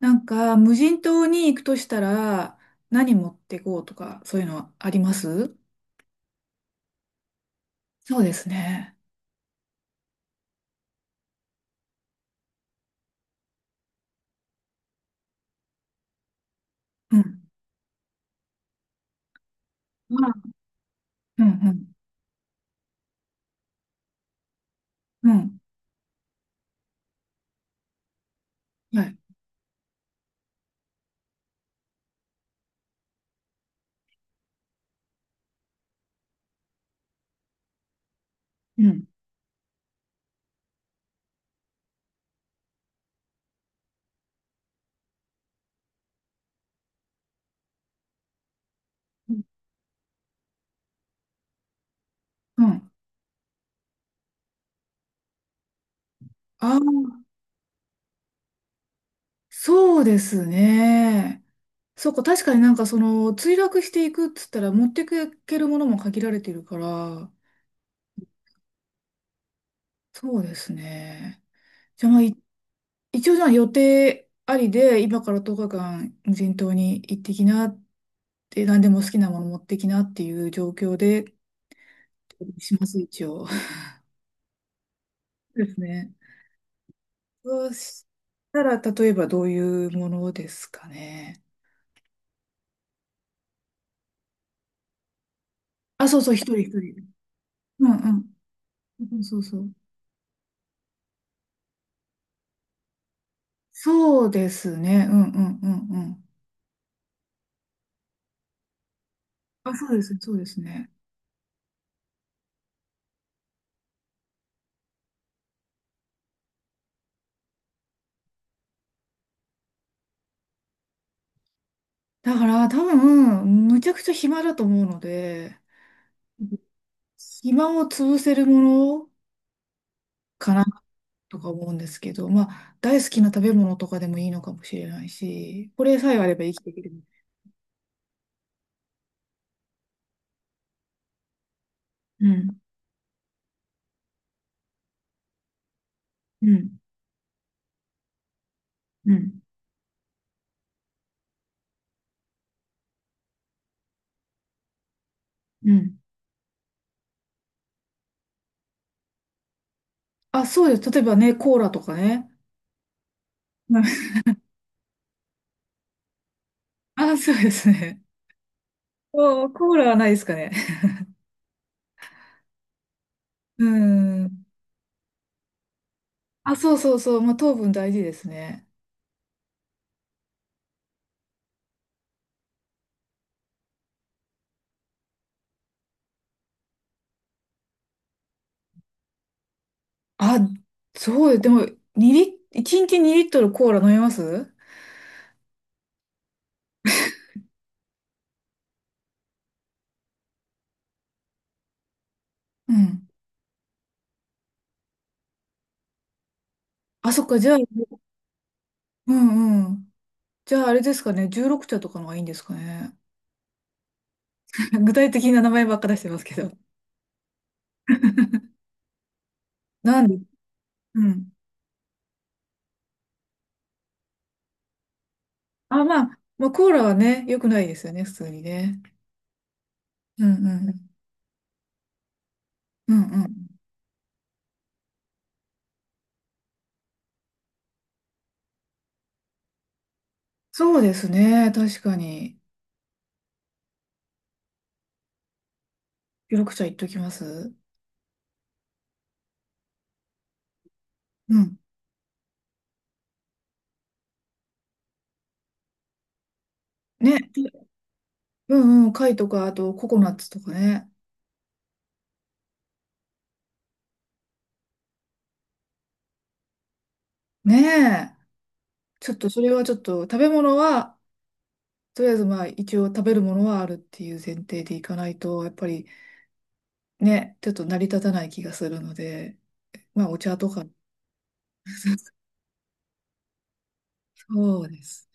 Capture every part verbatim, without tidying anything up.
なんか、無人島に行くとしたら、何持ってこうとか、そういうのはあります？そうですね。うん。まあ、うん、うん、うん。はい。うん。うん。あ、そうですね。そこ、確かになんかその、墜落していくっつったら、持っていけるものも限られてるから。そうですね。じゃあ、まあ、い一応じゃあ予定ありで、今からとおかかん無人島に行ってきなって、何でも好きなもの持ってきなっていう状況で、します、一応。ですね。そうしたら、例えばどういうものですかね。あ、そうそう、一人一人。うんうん。そうそうそう。そうですね。うんうんうんうん。あ、そうですね、そうですね。だから多分、むちゃくちゃ暇だと思うので、暇を潰せるものかなとか思うんですけど、まあ、大好きな食べ物とかでもいいのかもしれないし、これさえあれば生きていける。うん、うん、うん、うん。あ、そうです。例えばね、コーラとかね。うん。あ、そうですね。お、コーラはないですかね。うん。あ、そうそうそう。まあ、糖分大事ですね。あ、そう、でも、2リ、いちにちにリットルコーラ飲みます？うん。あ、そっか、じゃあ、うんうん。じゃあ、あれですかね、じゅうろくちゃ茶とかのがいいんですかね。具体的な名前ばっか出してますけど。なんで、うん。あ、まあ、まあ、コーラはね、良くないですよね、普通にね。うんうん。うんうん。そうですね、確かに。緑茶言っときます。うん。ね。うんうん。貝とか、あとココナッツとかね。ねえ。ちょっと、それはちょっと、食べ物は、とりあえずまあ、一応食べるものはあるっていう前提でいかないと、やっぱりね、ちょっと成り立たない気がするので、まあ、お茶とか。そうです。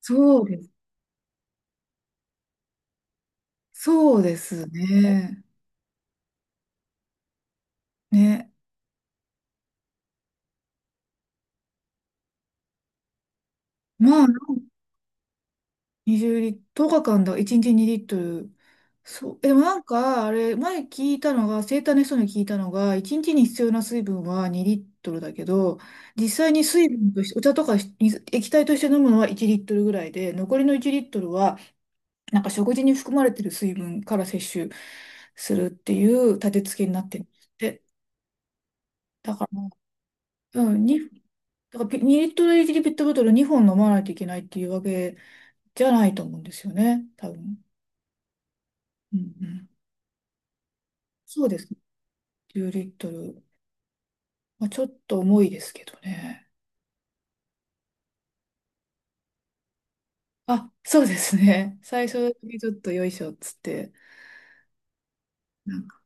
そうです。そうですね。ね。まあ、にじゅうリットル、とおかかんだ、いちにちにリットル。そう。え、でもなんか、あれ、前聞いたのが、生体の人に聞いたのが、いちにちにちに必要な水分はにリットルだけど、実際に水分として、お茶とかし水液体として飲むのはいちリットルぐらいで、残りのいちリットルは、なんか食事に含まれてる水分から摂取するっていう立て付けになってるんですって。だから、うん、に、だからピにリットルいちリットルボトルにほん飲まないといけないっていうわけじゃないと思うんですよね、多分。うんうん。そうです。じゅうリットル。まあ、ちょっと重いですけどね。あ、そうですね。最初にちょっとよいしょっつって、なんか、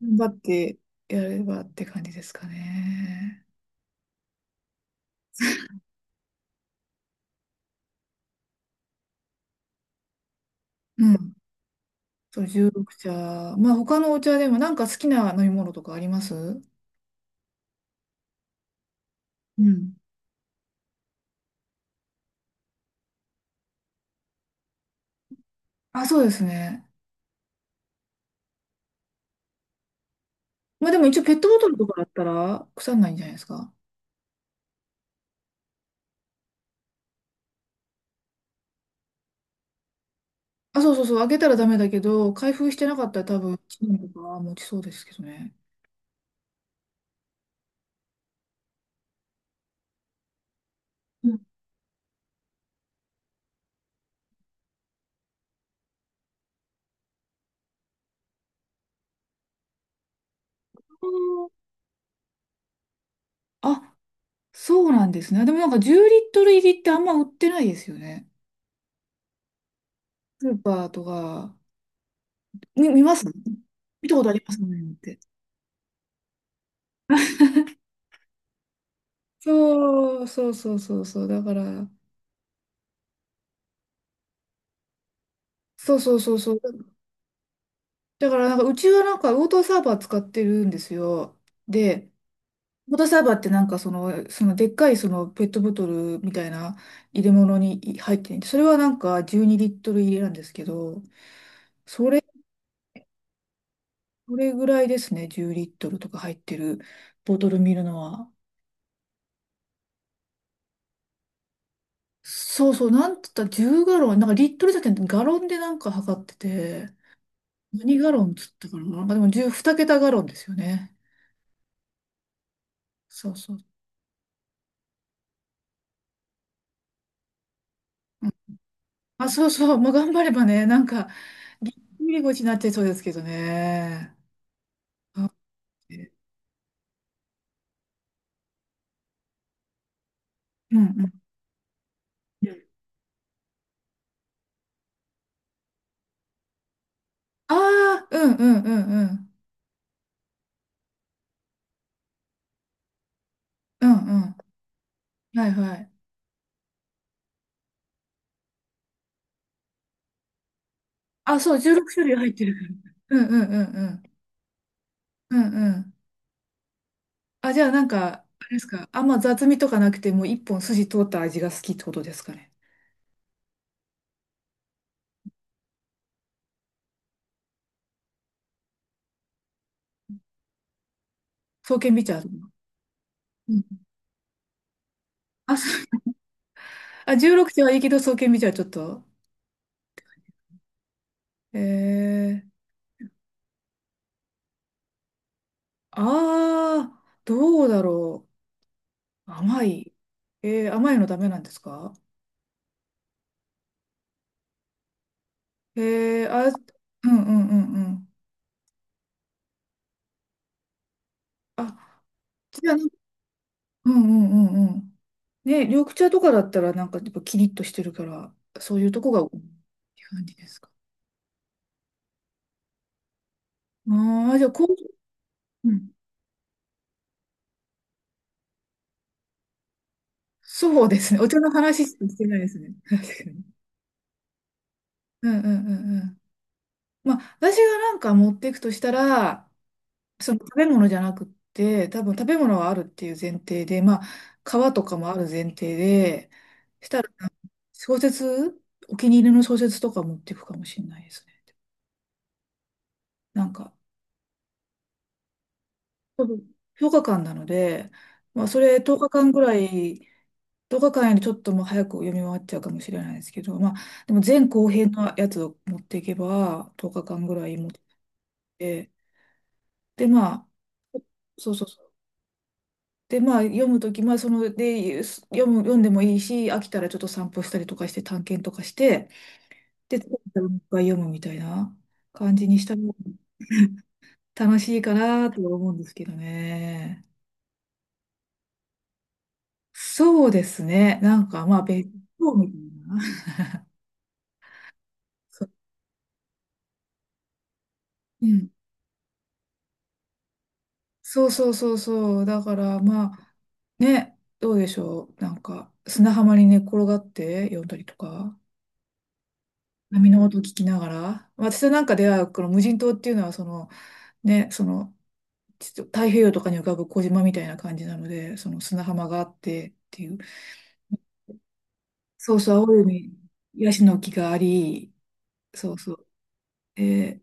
頑張ってやればって感じですかね。うん。そう、じゅうろくちゃ茶。まあ、他のお茶でもなんか好きな飲み物とかあります？うん。あ、そうですね。まあ、でも一応ペットボトルとかだったら腐んないんじゃないですか。あ、そうそうそう、開けたらダメだけど、開封してなかったら多分、チームとか持ちそうですけどね。うん。あ、そうなんですね。でもなんかじゅうリットル入りってあんま売ってないですよね。スーパーとか、み、見ます見たことありますねって。そうそうそうそうそう。だから、そうそうそうそう。だからなんかうちはなんかウォーターサーバー使ってるんですよ。で、ウォーターサーバーってなんかその、そのでっかいそのペットボトルみたいな入れ物に入っていて、それはなんかじゅうにリットル入れなんですけど、それ、それぐらいですね、じゅうリットルとか入ってるボトル見るのは。そうそう、なんつったらじゅうガロン、なんかリットルじゃなくてガロンでなんか測ってて、何ガロンっつったかな、なんかでもじゅう、にけた桁ガロンですよね。そうそう。うん。あ、そうそう、まあ、頑張ればね、なんかぎっくり腰になっちゃいそうですけどね。うんうん。ああ、うんうんうんうん。うんうん。はいはい。あ、そう、じゅうろくしゅるい種類入ってるから。うんうんうんうん。うんうん。あ、じゃあなんか、あれですか。あんま雑味とかなくてもう一本筋通った味が好きってことですかね。爽健美茶。うん。あ、そう、あ、じゅうろくちゃ茶はいいけど爽健美茶はちょっと。えー、ああ、どうだろう。甘い。えー、甘いのダメなんですか？えー、あ、うんうんうんうん。あ、じゃあ、うんうんうんうん。ね、緑茶とかだったらなんかやっぱキリッとしてるから、そういうとこが、って感じですか。ああ、じゃあ、こう、うん。そうですね。お茶の話しかしてないですね。確かに。うんうんうんうん。まあ、私がなんか持っていくとしたら、その食べ物じゃなくって、多分食べ物はあるっていう前提で、まあ、皮とかもある前提で、したら、小説、お気に入りの小説とか持っていくかもしれないですね。なんか、多分とおかかんなので、まあ、それとおかかんぐらい、とおかかんよりちょっともう早く読み終わっちゃうかもしれないですけど、まあ、でも前後編のやつを持っていけば、とおかかんぐらい持って、で、まあ、そうそうそう。で、まあ、読むとき、まあ、その、で、読む、読んでもいいし、飽きたらちょっと散歩したりとかして、探検とかして、で、もう一回読むみたいな感じにしたら、 楽しいかなとは思うんですけどね。そうですね。なんかまあ別荘みたいな。そう、うん。そうそうそうそう。だからまあね、どうでしょう。なんか砂浜に寝っ転がって読んだりとか、波の音聞きながら。私なんかではこの無人島っていうのはそのね、そのちょっと太平洋とかに浮かぶ小島みたいな感じなので、その砂浜があってっていう。そうそう、青い海、ヤシの木があり、そうそう。で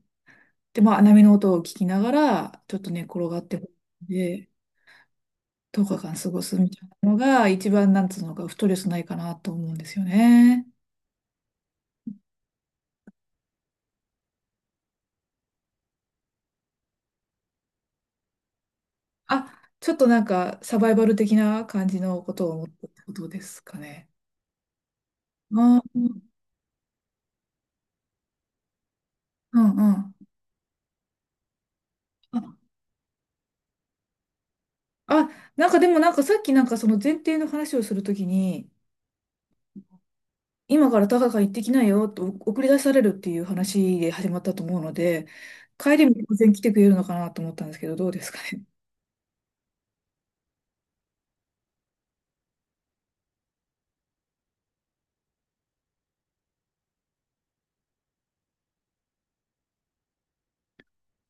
で、まあ、波の音を聞きながら、ちょっと寝転がって、で、とおかかん過ごすみたいなのが、一番、なんつうのか、ストレスないかなと思うんですよね。あ、ちょっとなんか、サバイバル的な感じのことを思ったってことですかね。あー、うんうんうん。あ、あなんかでもなんかさっきなんかその前提の話をするときに、今から高カ行ってきなよと送り出されるっていう話で始まったと思うので、帰りも当然来てくれるのかなと思ったんですけど、どうですかね。